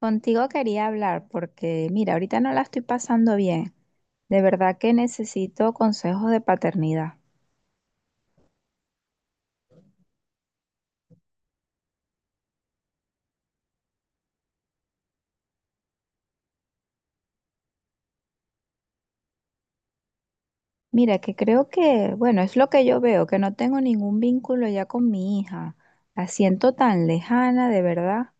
Contigo quería hablar porque, mira, ahorita no la estoy pasando bien. De verdad que necesito consejos de paternidad. Mira, que creo que, bueno, es lo que yo veo, que no tengo ningún vínculo ya con mi hija. La siento tan lejana, de verdad.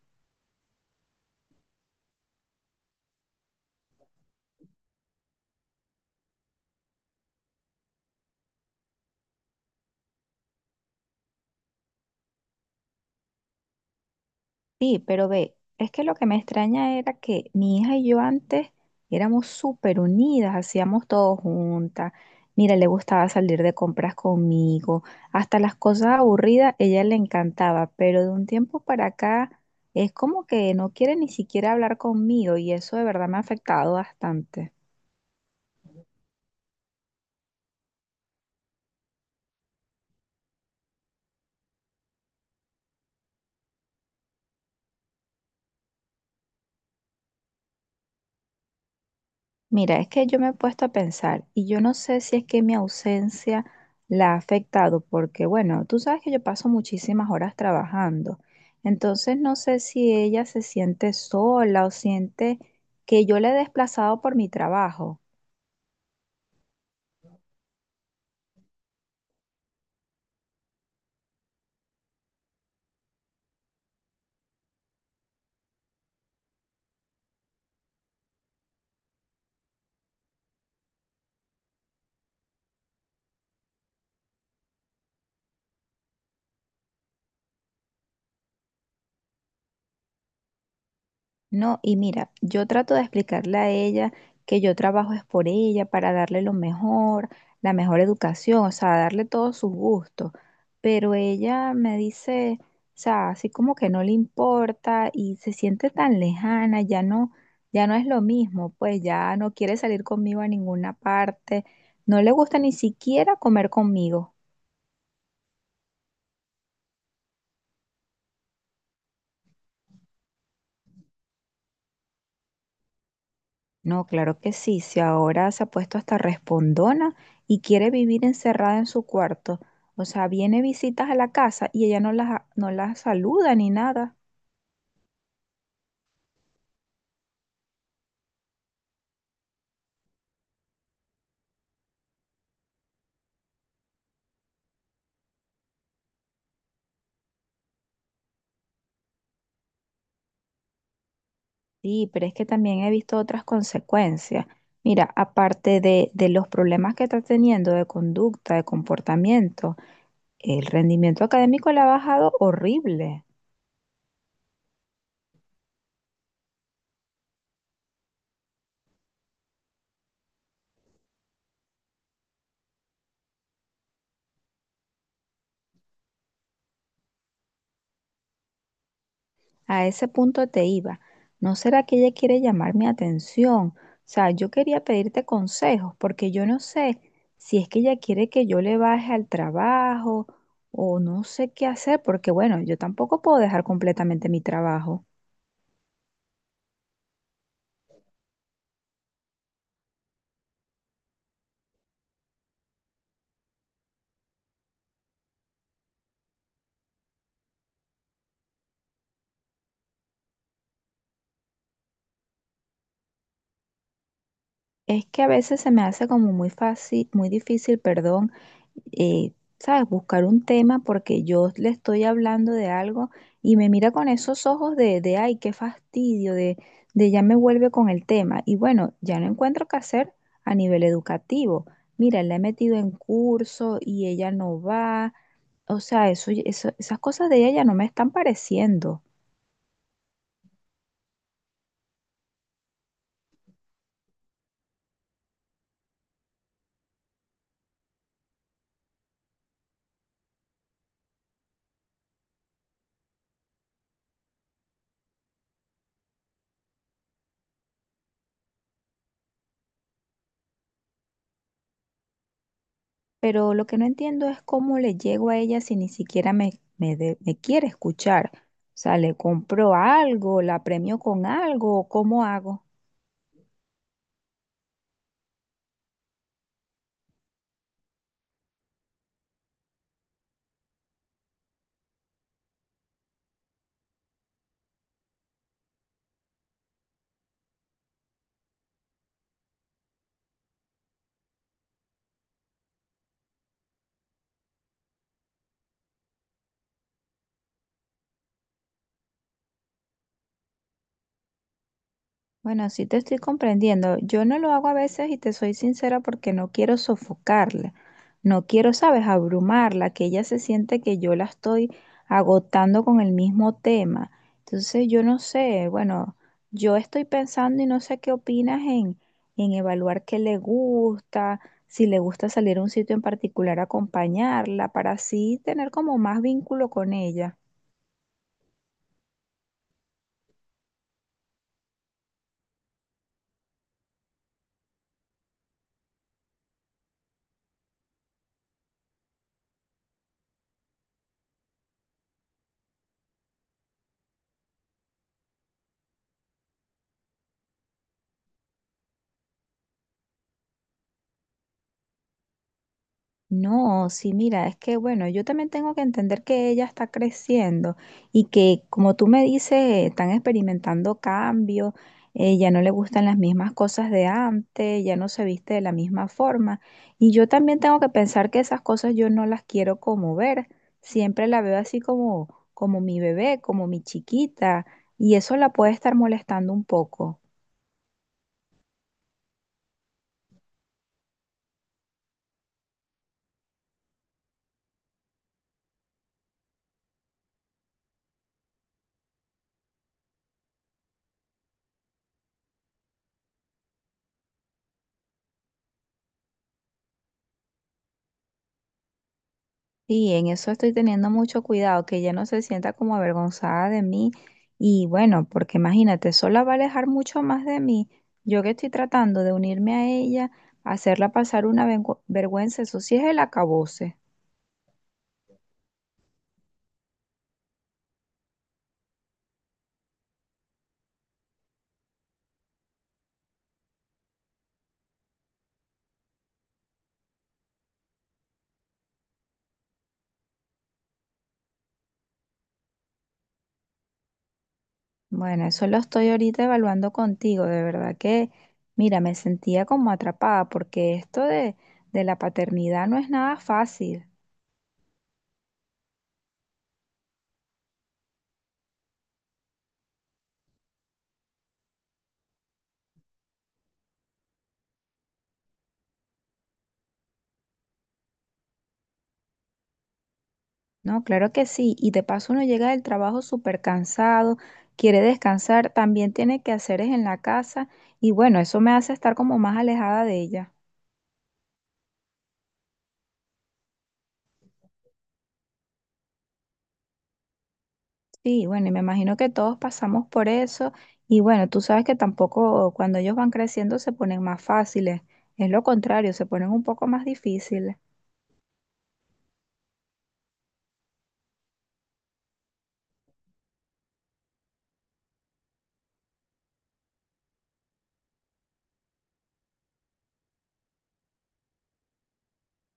Sí, pero ve, es que lo que me extraña era que mi hija y yo antes éramos súper unidas, hacíamos todo juntas. Mira, le gustaba salir de compras conmigo, hasta las cosas aburridas ella le encantaba, pero de un tiempo para acá es como que no quiere ni siquiera hablar conmigo y eso de verdad me ha afectado bastante. Mira, es que yo me he puesto a pensar y yo no sé si es que mi ausencia la ha afectado, porque bueno, tú sabes que yo paso muchísimas horas trabajando, entonces no sé si ella se siente sola o siente que yo la he desplazado por mi trabajo. No, y mira, yo trato de explicarle a ella que yo trabajo es por ella, para darle lo mejor, la mejor educación, o sea, darle todos sus gustos. Pero ella me dice, o sea, así como que no le importa y se siente tan lejana, ya no, ya no es lo mismo, pues ya no quiere salir conmigo a ninguna parte, no le gusta ni siquiera comer conmigo. No, claro que sí. Si ahora se ha puesto hasta respondona y quiere vivir encerrada en su cuarto. O sea, viene visitas a la casa y ella no las, no las saluda ni nada. Sí, pero es que también he visto otras consecuencias. Mira, aparte de los problemas que está teniendo de conducta, de comportamiento, el rendimiento académico le ha bajado horrible. A ese punto te iba. ¿No será que ella quiere llamar mi atención? O sea, yo quería pedirte consejos porque yo no sé si es que ella quiere que yo le baje al trabajo o no sé qué hacer porque bueno, yo tampoco puedo dejar completamente mi trabajo. Es que a veces se me hace como muy fácil, muy difícil, perdón, eh, ¿sabes? Buscar un tema porque yo le estoy hablando de algo y me mira con esos ojos de ay, qué fastidio, de ya me vuelve con el tema. Y bueno, ya no encuentro qué hacer a nivel educativo. Mira, la he metido en curso y ella no va. O sea, eso, esas cosas de ella ya no me están pareciendo. Pero lo que no entiendo es cómo le llego a ella si ni siquiera me quiere escuchar. O sea, le compro algo, la premio con algo, ¿cómo hago? Bueno, sí te estoy comprendiendo. Yo no lo hago a veces y te soy sincera porque no quiero sofocarla, no quiero, sabes, abrumarla, que ella se siente que yo la estoy agotando con el mismo tema. Entonces, yo no sé, bueno, yo estoy pensando y no sé qué opinas en evaluar qué le gusta, si le gusta salir a un sitio en particular, acompañarla, para así tener como más vínculo con ella. No, sí, mira, es que bueno, yo también tengo que entender que ella está creciendo y que, como tú me dices, están experimentando cambios, ya no le gustan las mismas cosas de antes, ya no se viste de la misma forma. Y yo también tengo que pensar que esas cosas yo no las quiero como ver, siempre la veo así como, como mi bebé, como mi chiquita, y eso la puede estar molestando un poco. Sí, en eso estoy teniendo mucho cuidado, que ella no se sienta como avergonzada de mí. Y bueno, porque imagínate, sola va a alejar mucho más de mí. Yo que estoy tratando de unirme a ella, hacerla pasar una vergüenza, eso sí es el acabose. Bueno, eso lo estoy ahorita evaluando contigo, de verdad que, mira, me sentía como atrapada, porque esto de la paternidad no es nada fácil. No, claro que sí. Y de paso uno llega del trabajo súper cansado, quiere descansar, también tiene que hacer es en la casa y bueno, eso me hace estar como más alejada de ella. Sí, bueno, y me imagino que todos pasamos por eso y bueno, tú sabes que tampoco cuando ellos van creciendo se ponen más fáciles, es lo contrario, se ponen un poco más difíciles.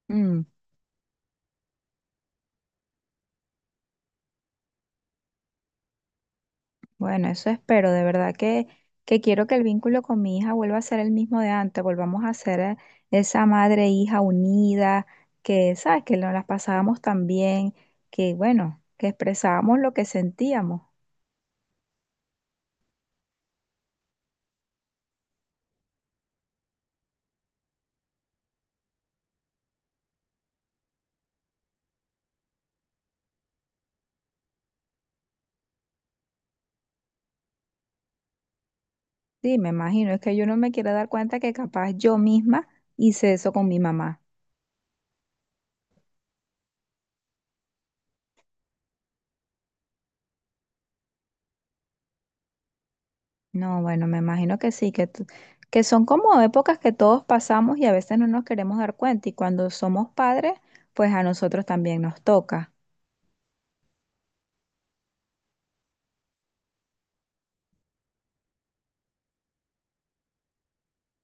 Mm. Bueno, eso espero, de verdad que quiero que el vínculo con mi hija vuelva a ser el mismo de antes, volvamos a ser esa madre e hija unida, que, ¿sabes? Que nos las pasábamos tan bien, que, bueno, que expresábamos lo que sentíamos. Sí, me imagino, es que yo no me quiero dar cuenta que capaz yo misma hice eso con mi mamá. No, bueno, me imagino que sí, que, que son como épocas que todos pasamos y a veces no nos queremos dar cuenta y cuando somos padres, pues a nosotros también nos toca.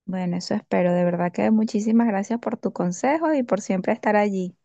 Bueno, eso espero. De verdad que muchísimas gracias por tu consejo y por siempre estar allí.